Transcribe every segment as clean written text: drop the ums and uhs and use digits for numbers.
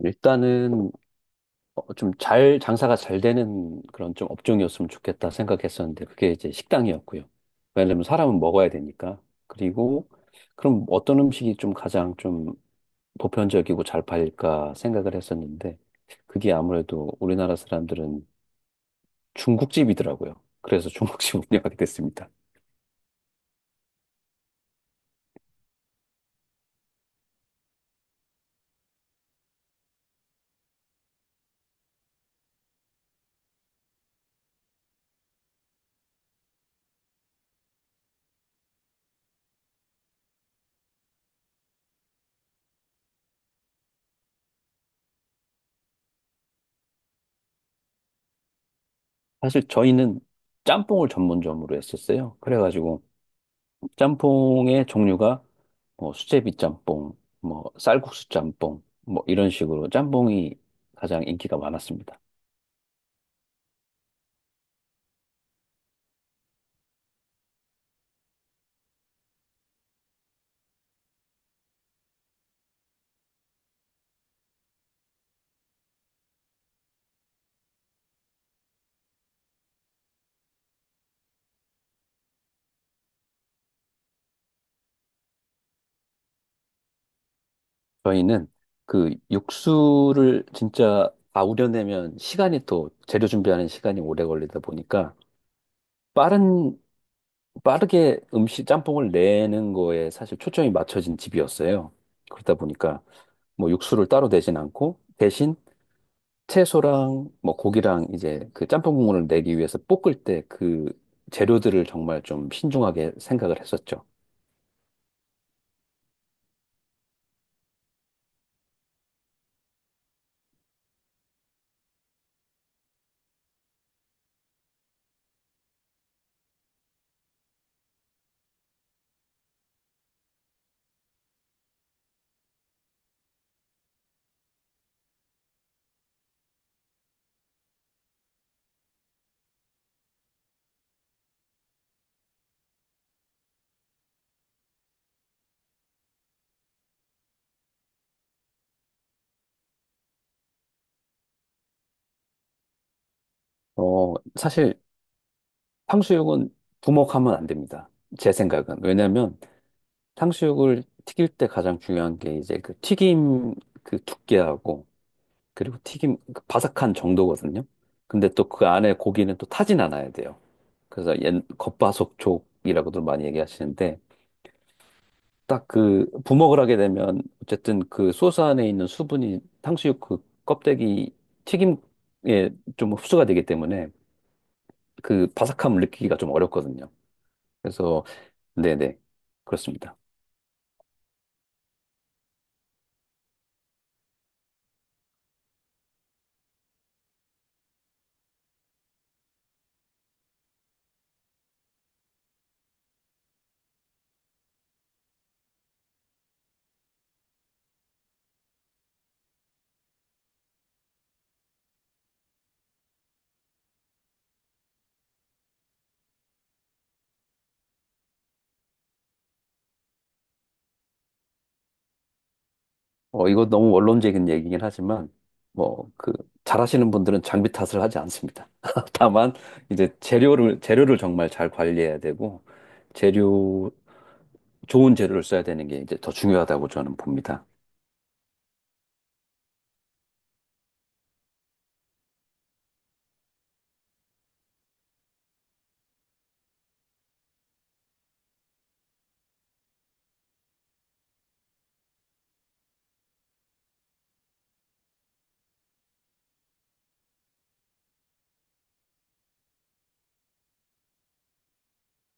일단은 좀 장사가 잘 되는 그런 좀 업종이었으면 좋겠다 생각했었는데, 그게 이제 식당이었고요. 왜냐면 사람은 먹어야 되니까. 그리고, 그럼 어떤 음식이 좀 가장 좀 보편적이고 잘 팔릴까 생각을 했었는데, 그게 아무래도 우리나라 사람들은 중국집이더라고요. 그래서 중국집 운영하게 됐습니다. 사실 저희는 짬뽕을 전문점으로 했었어요. 그래가지고, 짬뽕의 종류가 뭐 수제비 짬뽕, 뭐 쌀국수 짬뽕, 뭐 이런 식으로 짬뽕이 가장 인기가 많았습니다. 저희는 그 육수를 진짜 다 우려내면 시간이 또 재료 준비하는 시간이 오래 걸리다 보니까 빠른 빠르게 음식 짬뽕을 내는 거에 사실 초점이 맞춰진 집이었어요. 그러다 보니까 뭐 육수를 따로 내진 않고 대신 채소랑 뭐 고기랑 이제 그 짬뽕 국물을 내기 위해서 볶을 때 그 재료들을 정말 좀 신중하게 생각을 했었죠. 사실 탕수육은 부먹하면 안 됩니다. 제 생각은. 왜냐면 탕수육을 튀길 때 가장 중요한 게 이제 그 튀김 그 두께하고 그리고 튀김 그 바삭한 정도거든요. 근데 또 그 안에 고기는 또 타진 않아야 돼요. 그래서 옛 겉바속촉이라고도 많이 얘기하시는데 딱 그 부먹을 하게 되면 어쨌든 그 소스 안에 있는 수분이 탕수육 그 껍데기 튀김에 좀 흡수가 되기 때문에 그 바삭함을 느끼기가 좀 어렵거든요. 그래서 네네, 그렇습니다. 이거 너무 원론적인 얘기긴 하지만, 뭐 그 잘하시는 분들은 장비 탓을 하지 않습니다. 다만 이제 재료를 정말 잘 관리해야 되고, 재료 좋은 재료를 써야 되는 게 이제 더 중요하다고 저는 봅니다.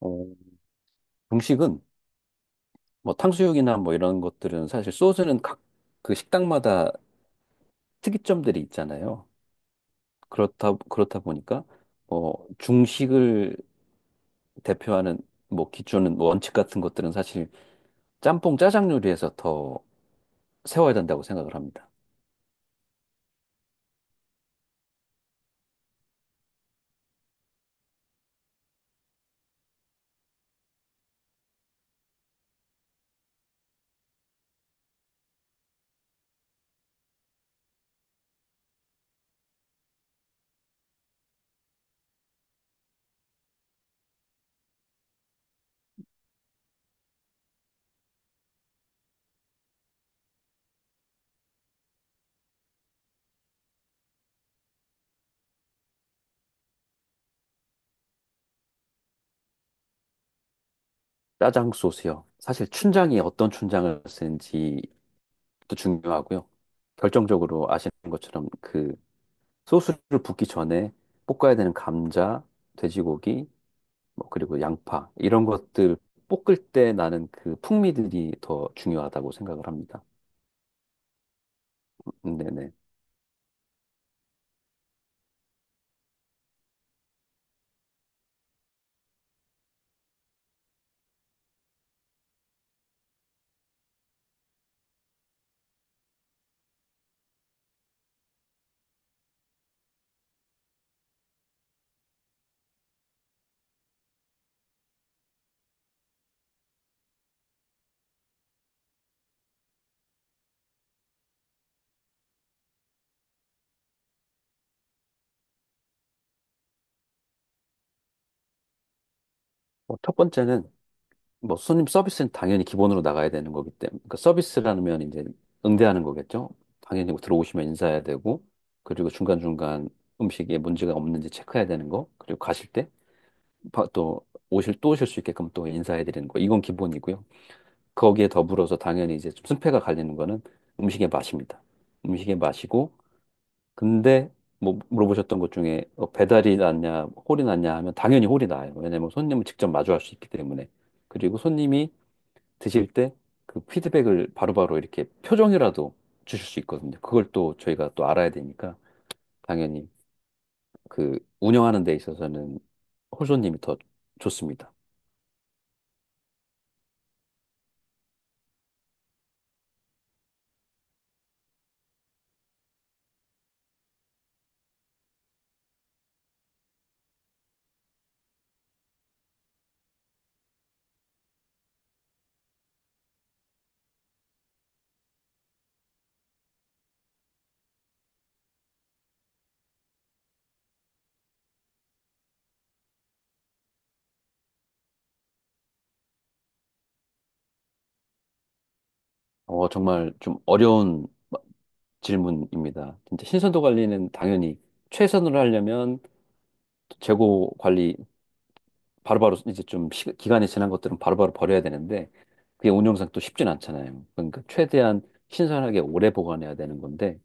어, 음식은 뭐 탕수육이나 뭐 이런 것들은 사실 소스는 각 그 식당마다 특이점들이 있잖아요. 그렇다 보니까 뭐 중식을 대표하는 뭐 기준은, 뭐 원칙 같은 것들은 사실 짬뽕 짜장 요리에서 더 세워야 된다고 생각을 합니다. 짜장 소스요. 사실 춘장이 어떤 춘장을 쓰는지도 중요하고요. 결정적으로 아시는 것처럼 그 소스를 붓기 전에 볶아야 되는 감자, 돼지고기, 뭐 그리고 양파 이런 것들 볶을 때 나는 그 풍미들이 더 중요하다고 생각을 합니다. 네네. 뭐첫 번째는 뭐 손님 서비스는 당연히 기본으로 나가야 되는 거기 때문에, 그 서비스라면 이제 응대하는 거겠죠. 당연히 뭐 들어오시면 인사해야 되고, 그리고 중간중간 음식에 문제가 없는지 체크해야 되는 거, 그리고 가실 때 또 오실 수 있게끔 또 인사해 드리는 거, 이건 기본이고요. 거기에 더불어서 당연히 이제 좀 승패가 갈리는 거는 음식의 맛입니다. 음식의 맛이고, 근데 뭐 물어보셨던 것 중에 배달이 낫냐, 홀이 낫냐 하면 당연히 홀이 나아요. 왜냐면 손님을 직접 마주할 수 있기 때문에. 그리고 손님이 드실 때 그 피드백을 바로바로 이렇게 표정이라도 주실 수 있거든요. 그걸 또 저희가 또 알아야 되니까 당연히 그 운영하는 데 있어서는 홀손님이 더 좋습니다. 정말 좀 어려운 질문입니다. 진짜 신선도 관리는, 당연히 최선으로 하려면 재고 관리, 바로바로 이제 좀 기간이 지난 것들은 바로바로 버려야 되는데, 그게 운영상 또 쉽진 않잖아요. 그러니까 최대한 신선하게 오래 보관해야 되는 건데,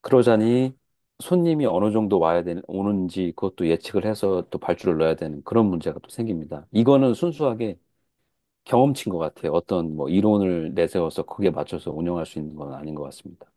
그러자니 손님이 어느 정도 와야 되는 오는지 그것도 예측을 해서 또 발주를 넣어야 되는 그런 문제가 또 생깁니다. 이거는 순수하게 경험치인 것 같아요. 어떤 뭐 이론을 내세워서 그게 맞춰서 운영할 수 있는 건 아닌 것 같습니다.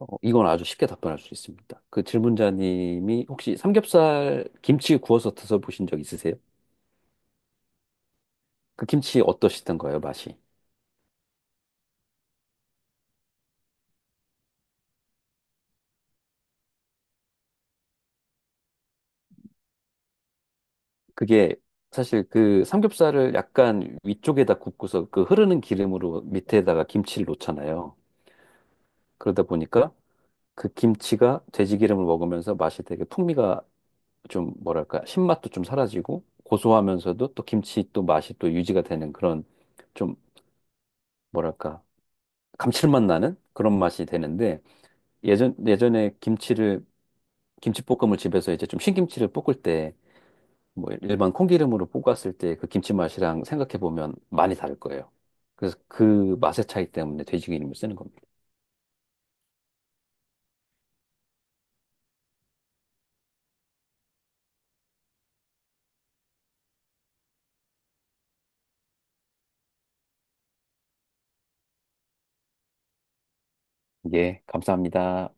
이건 아주 쉽게 답변할 수 있습니다. 그 질문자님이 혹시 삼겹살 김치 구워서 드셔보신 적 있으세요? 그 김치 어떠시던가요, 맛이? 그게 사실 그 삼겹살을 약간 위쪽에다 굽고서 그 흐르는 기름으로 밑에다가 김치를 놓잖아요. 그러다 보니까 그 김치가 돼지 기름을 먹으면서 맛이, 되게 풍미가 좀 뭐랄까 신맛도 좀 사라지고 고소하면서도 또 김치 또 맛이 또 유지가 되는 그런 좀 뭐랄까 감칠맛 나는 그런 맛이 되는데, 예전에 김치를 김치볶음을 집에서 이제 좀 신김치를 볶을 때 뭐 일반 콩기름으로 볶았을 때 그 김치 맛이랑 생각해 보면 많이 다를 거예요. 그래서 그 맛의 차이 때문에 돼지기름을 쓰는 겁니다. 예, 감사합니다.